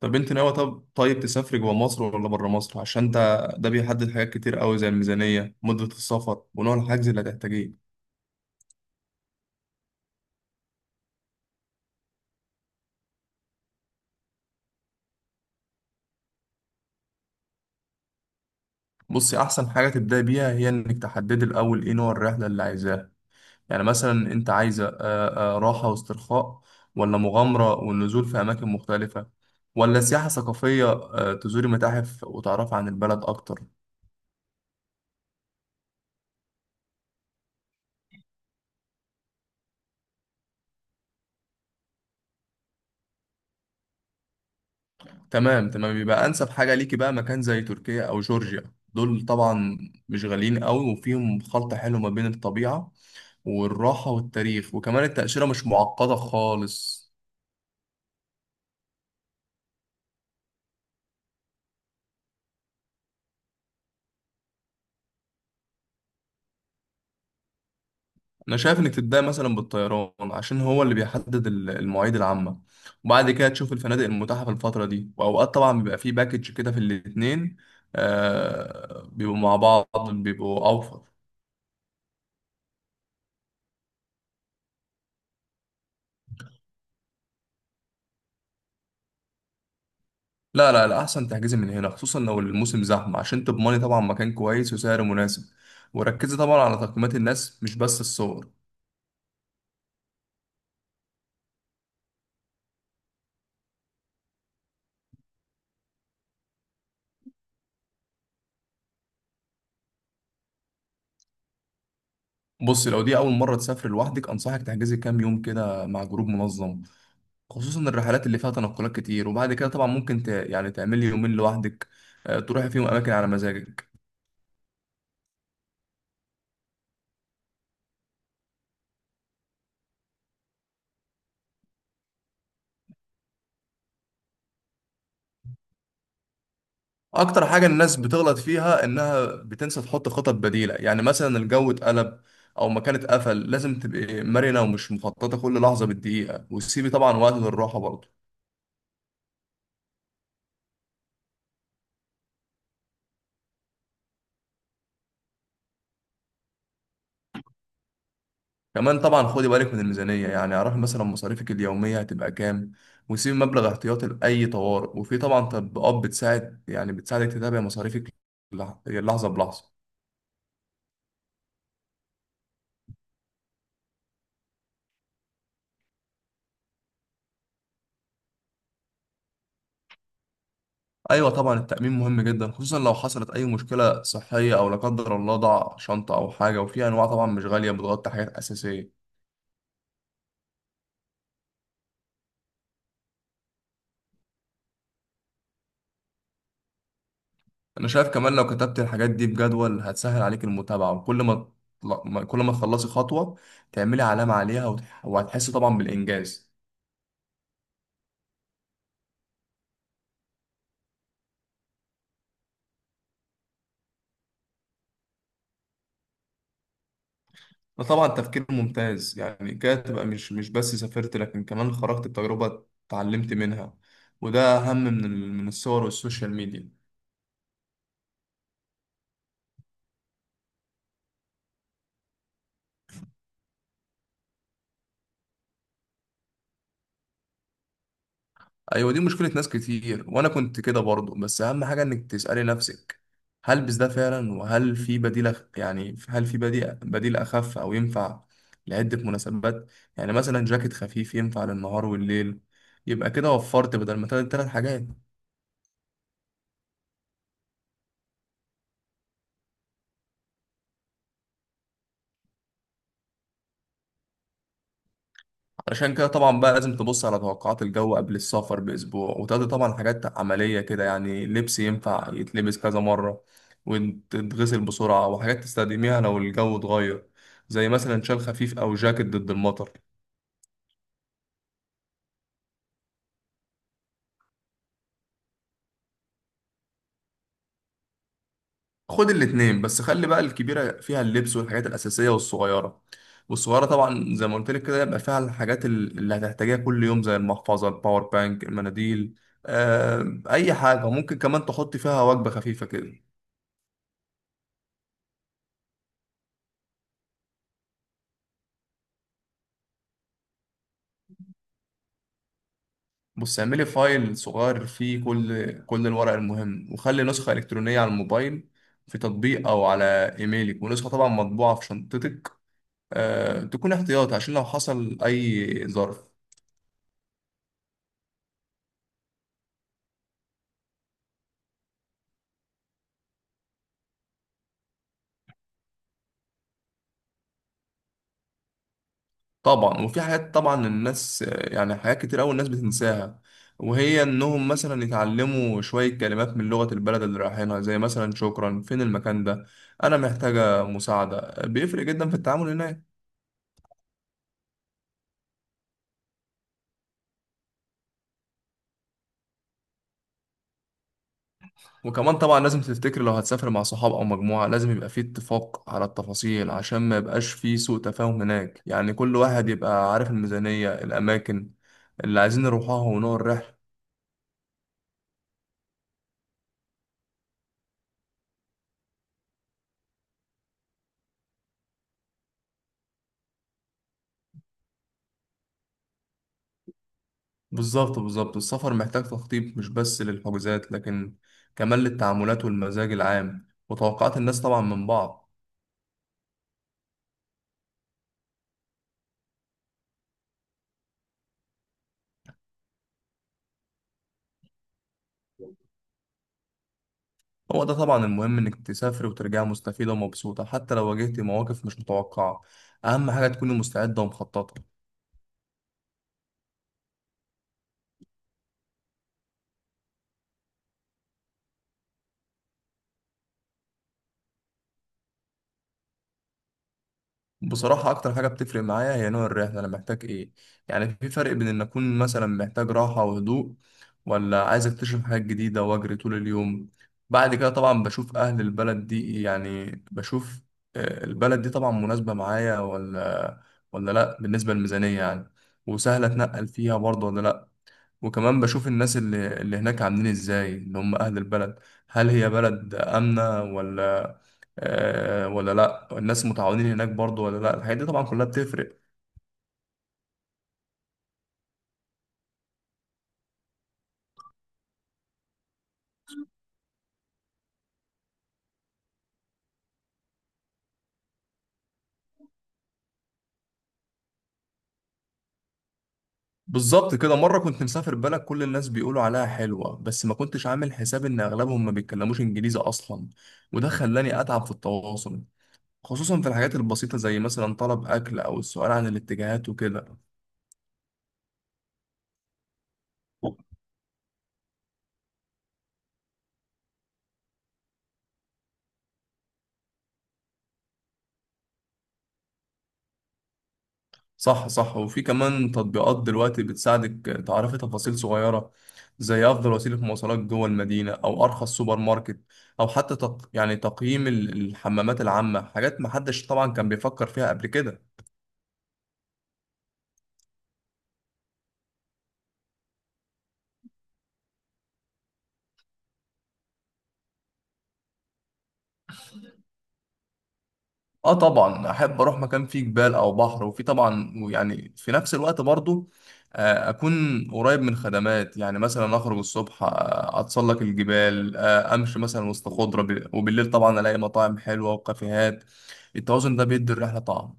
طب انت ناوي طب طيب تسافري جوه مصر ولا بره مصر؟ عشان ده بيحدد حاجات كتير قوي، زي الميزانية، مدة السفر، ونوع الحجز اللي هتحتاجيه. بصي، احسن حاجة تبدأي بيها هي انك تحددي الاول ايه نوع الرحلة اللي عايزاها. يعني مثلا انت عايزة راحة واسترخاء، ولا مغامرة والنزول في اماكن مختلفة، ولا سياحة ثقافية، تزوري متاحف وتعرفي عن البلد اكتر. تمام، تمام، يبقى انسب حاجه ليكي بقى مكان زي تركيا او جورجيا. دول طبعا مش غاليين قوي، وفيهم خلط حلو ما بين الطبيعه والراحه والتاريخ، وكمان التاشيره مش معقده خالص. انا شايف انك تبدأ مثلا بالطيران، عشان هو اللي بيحدد المواعيد العامه، وبعد كده تشوف الفنادق المتاحه في الفتره دي. واوقات طبعا بيبقى فيه باكج كده في الاتنين، آه بيبقوا مع بعض بيبقوا اوفر. لا، لا، لا، احسن تحجزي من هنا خصوصا لو الموسم زحمه، عشان تضمني طبعا مكان كويس وسعر مناسب. وركزي طبعا على تقييمات الناس مش بس الصور. بصي، لو دي اول مره تسافر لوحدك انصحك تحجزي كام يوم كده مع جروب منظم، خصوصا الرحلات اللي فيها تنقلات كتير. وبعد كده طبعا ممكن يعني تعملي يومين لوحدك، تروحي فيهم اماكن على مزاجك. اكتر حاجة الناس بتغلط فيها انها بتنسى تحط خطط بديلة، يعني مثلا الجو اتقلب او مكان اتقفل. لازم تبقي مرنة ومش مخططة كل لحظة بالدقيقة، وتسيبي طبعا وقت للراحة برضه. كمان طبعا خدي بالك من الميزانية، يعني اعرفي مثلا مصاريفك اليومية هتبقى كام، وسيبي مبلغ احتياطي لأي طوارئ. وفي طبعا تطبيقات بتساعد، يعني بتساعدك تتابعي مصاريفك لحظة بلحظة. ايوه طبعا، التأمين مهم جدا، خصوصا لو حصلت اي مشكلة صحية او لا قدر الله ضاع شنطة او حاجة. وفي انواع طبعا مش غالية بتغطي حاجات اساسية. انا شايف كمان لو كتبت الحاجات دي بجدول هتسهل عليك المتابعة، وكل ما تطلع- ما- كل ما تخلصي خطوة تعملي علامة عليها، وهتحسي طبعا بالانجاز. ده طبعا تفكير ممتاز، يعني كده تبقى مش بس سافرت لكن كمان خرجت بتجربة اتعلمت منها. وده اهم من الصور والسوشيال ميديا. ايوه دي مشكله ناس كتير، وانا كنت كده برضه. بس اهم حاجه انك تسالي نفسك هل بس ده فعلا، وهل في بديل يعني هل في بديل اخف او ينفع لعده مناسبات. يعني مثلا جاكيت خفيف ينفع للنهار والليل، يبقى كده وفرت بدل ما تلات تلات حاجات. عشان كده طبعا بقى لازم تبص على توقعات الجو قبل السفر بأسبوع، وتقضي طبعا حاجات عملية كده، يعني لبس ينفع يتلبس كذا مرة وتتغسل بسرعة، وحاجات تستخدميها لو الجو اتغير، زي مثلا شال خفيف أو جاكيت ضد المطر. خد الاتنين، بس خلي بقى الكبيرة فيها اللبس والحاجات الأساسية، والصغيرة طبعا زي ما قلت لك كده يبقى فيها الحاجات اللي هتحتاجيها كل يوم، زي المحفظة، الباور بانك، المناديل، أي حاجة. ممكن كمان تحطي فيها وجبة خفيفة كده. بص، اعملي فايل صغير فيه كل الورق المهم، وخلي نسخة إلكترونية على الموبايل، في تطبيق أو على إيميلك، ونسخة طبعا مطبوعة في شنطتك، أه، تكون احتياطي عشان لو حصل أي ظرف. طبعا، وفي حاجات طبعا الناس يعني حاجات كتير أوي الناس بتنساها، وهي إنهم مثلا يتعلموا شوية كلمات من لغة البلد اللي رايحينها، زي مثلا شكرا، فين المكان ده، أنا محتاجة مساعدة. بيفرق جدا في التعامل هناك. وكمان طبعا لازم تفتكر لو هتسافر مع صحاب او مجموعه لازم يبقى فيه اتفاق على التفاصيل، عشان ما يبقاش فيه سوء تفاهم هناك. يعني كل واحد يبقى عارف الميزانيه، الاماكن اللي عايزين نروحها، ونوع الرحله. بالظبط، بالظبط، السفر محتاج تخطيط، مش بس للحجوزات لكن كمان للتعاملات والمزاج العام وتوقعات الناس طبعا من بعض. هو ده طبعا المهم، انك تسافر وترجع مستفيده ومبسوطه حتى لو واجهت مواقف مش متوقعه. اهم حاجه تكوني مستعده ومخططه. بصراحة أكتر حاجة بتفرق معايا هي نوع الرحلة أنا محتاج إيه. يعني في فرق بين إن أكون مثلا محتاج راحة وهدوء، ولا عايز أكتشف حاجات جديدة وأجري طول اليوم. بعد كده طبعا بشوف أهل البلد دي، يعني بشوف البلد دي طبعا مناسبة معايا ولا لأ، بالنسبة للميزانية يعني، وسهلة أتنقل فيها برضه ولا لأ. وكمان بشوف الناس اللي هناك عاملين ازاي، اللي هم اهل البلد، هل هي بلد امنة ولا؟ ولا لا الناس متعاونين هناك برضو ولا لا. الحاجات دي طبعا كلها بتفرق. بالظبط كده، مرة كنت مسافر بلد كل الناس بيقولوا عليها حلوة، بس ما كنتش عامل حساب ان اغلبهم ما بيتكلموش انجليزي اصلا، وده خلاني اتعب في التواصل، خصوصا في الحاجات البسيطة زي مثلا طلب اكل او السؤال عن الاتجاهات وكده. صح، صح، وفي كمان تطبيقات دلوقتي بتساعدك تعرفي تفاصيل صغيرة، زي أفضل وسيلة مواصلات جوه المدينة، أو أرخص سوبر ماركت، أو حتى يعني تقييم الحمامات العامة. حاجات محدش طبعا كان بيفكر فيها قبل كده. اه طبعا احب اروح مكان فيه جبال او بحر، وفي طبعا، ويعني في نفس الوقت برضو اكون قريب من خدمات. يعني مثلا اخرج الصبح، اتسلق الجبال، امشي مثلا وسط خضره، وبالليل طبعا الاقي مطاعم حلوه وكافيهات. التوازن ده بيدي الرحله طعم.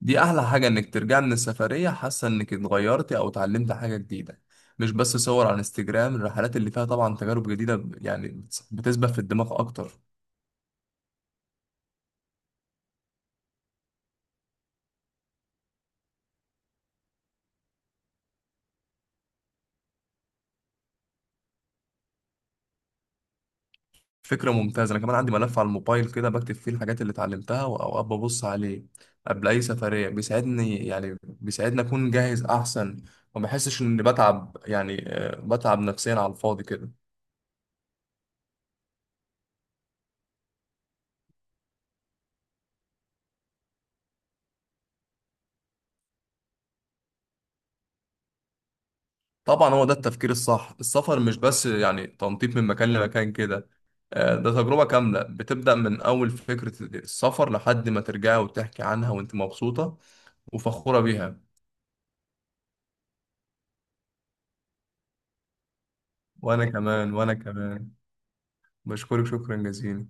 دي احلى حاجه، انك ترجع من السفريه حاسه انك اتغيرتي او اتعلمت حاجه جديده، مش بس صور على انستجرام. الرحلات اللي فيها طبعا تجارب جديده يعني بتسبح في الدماغ اكتر. فكرة ممتازة، أنا كمان عندي ملف على الموبايل كده بكتب فيه الحاجات اللي اتعلمتها، وأوقات ببص عليه قبل أي سفرية. بيساعدني، يعني بيساعدني أكون جاهز أحسن، وما بحسش إني بتعب، يعني بتعب نفسيا على الفاضي كده. طبعا هو ده التفكير الصح. السفر مش بس يعني تنطيط من مكان لمكان كده، ده تجربة كاملة بتبدأ من أول فكرة السفر لحد ما ترجعي وتحكي عنها وأنت مبسوطة وفخورة بيها. وأنا كمان بشكرك شكرا جزيلا.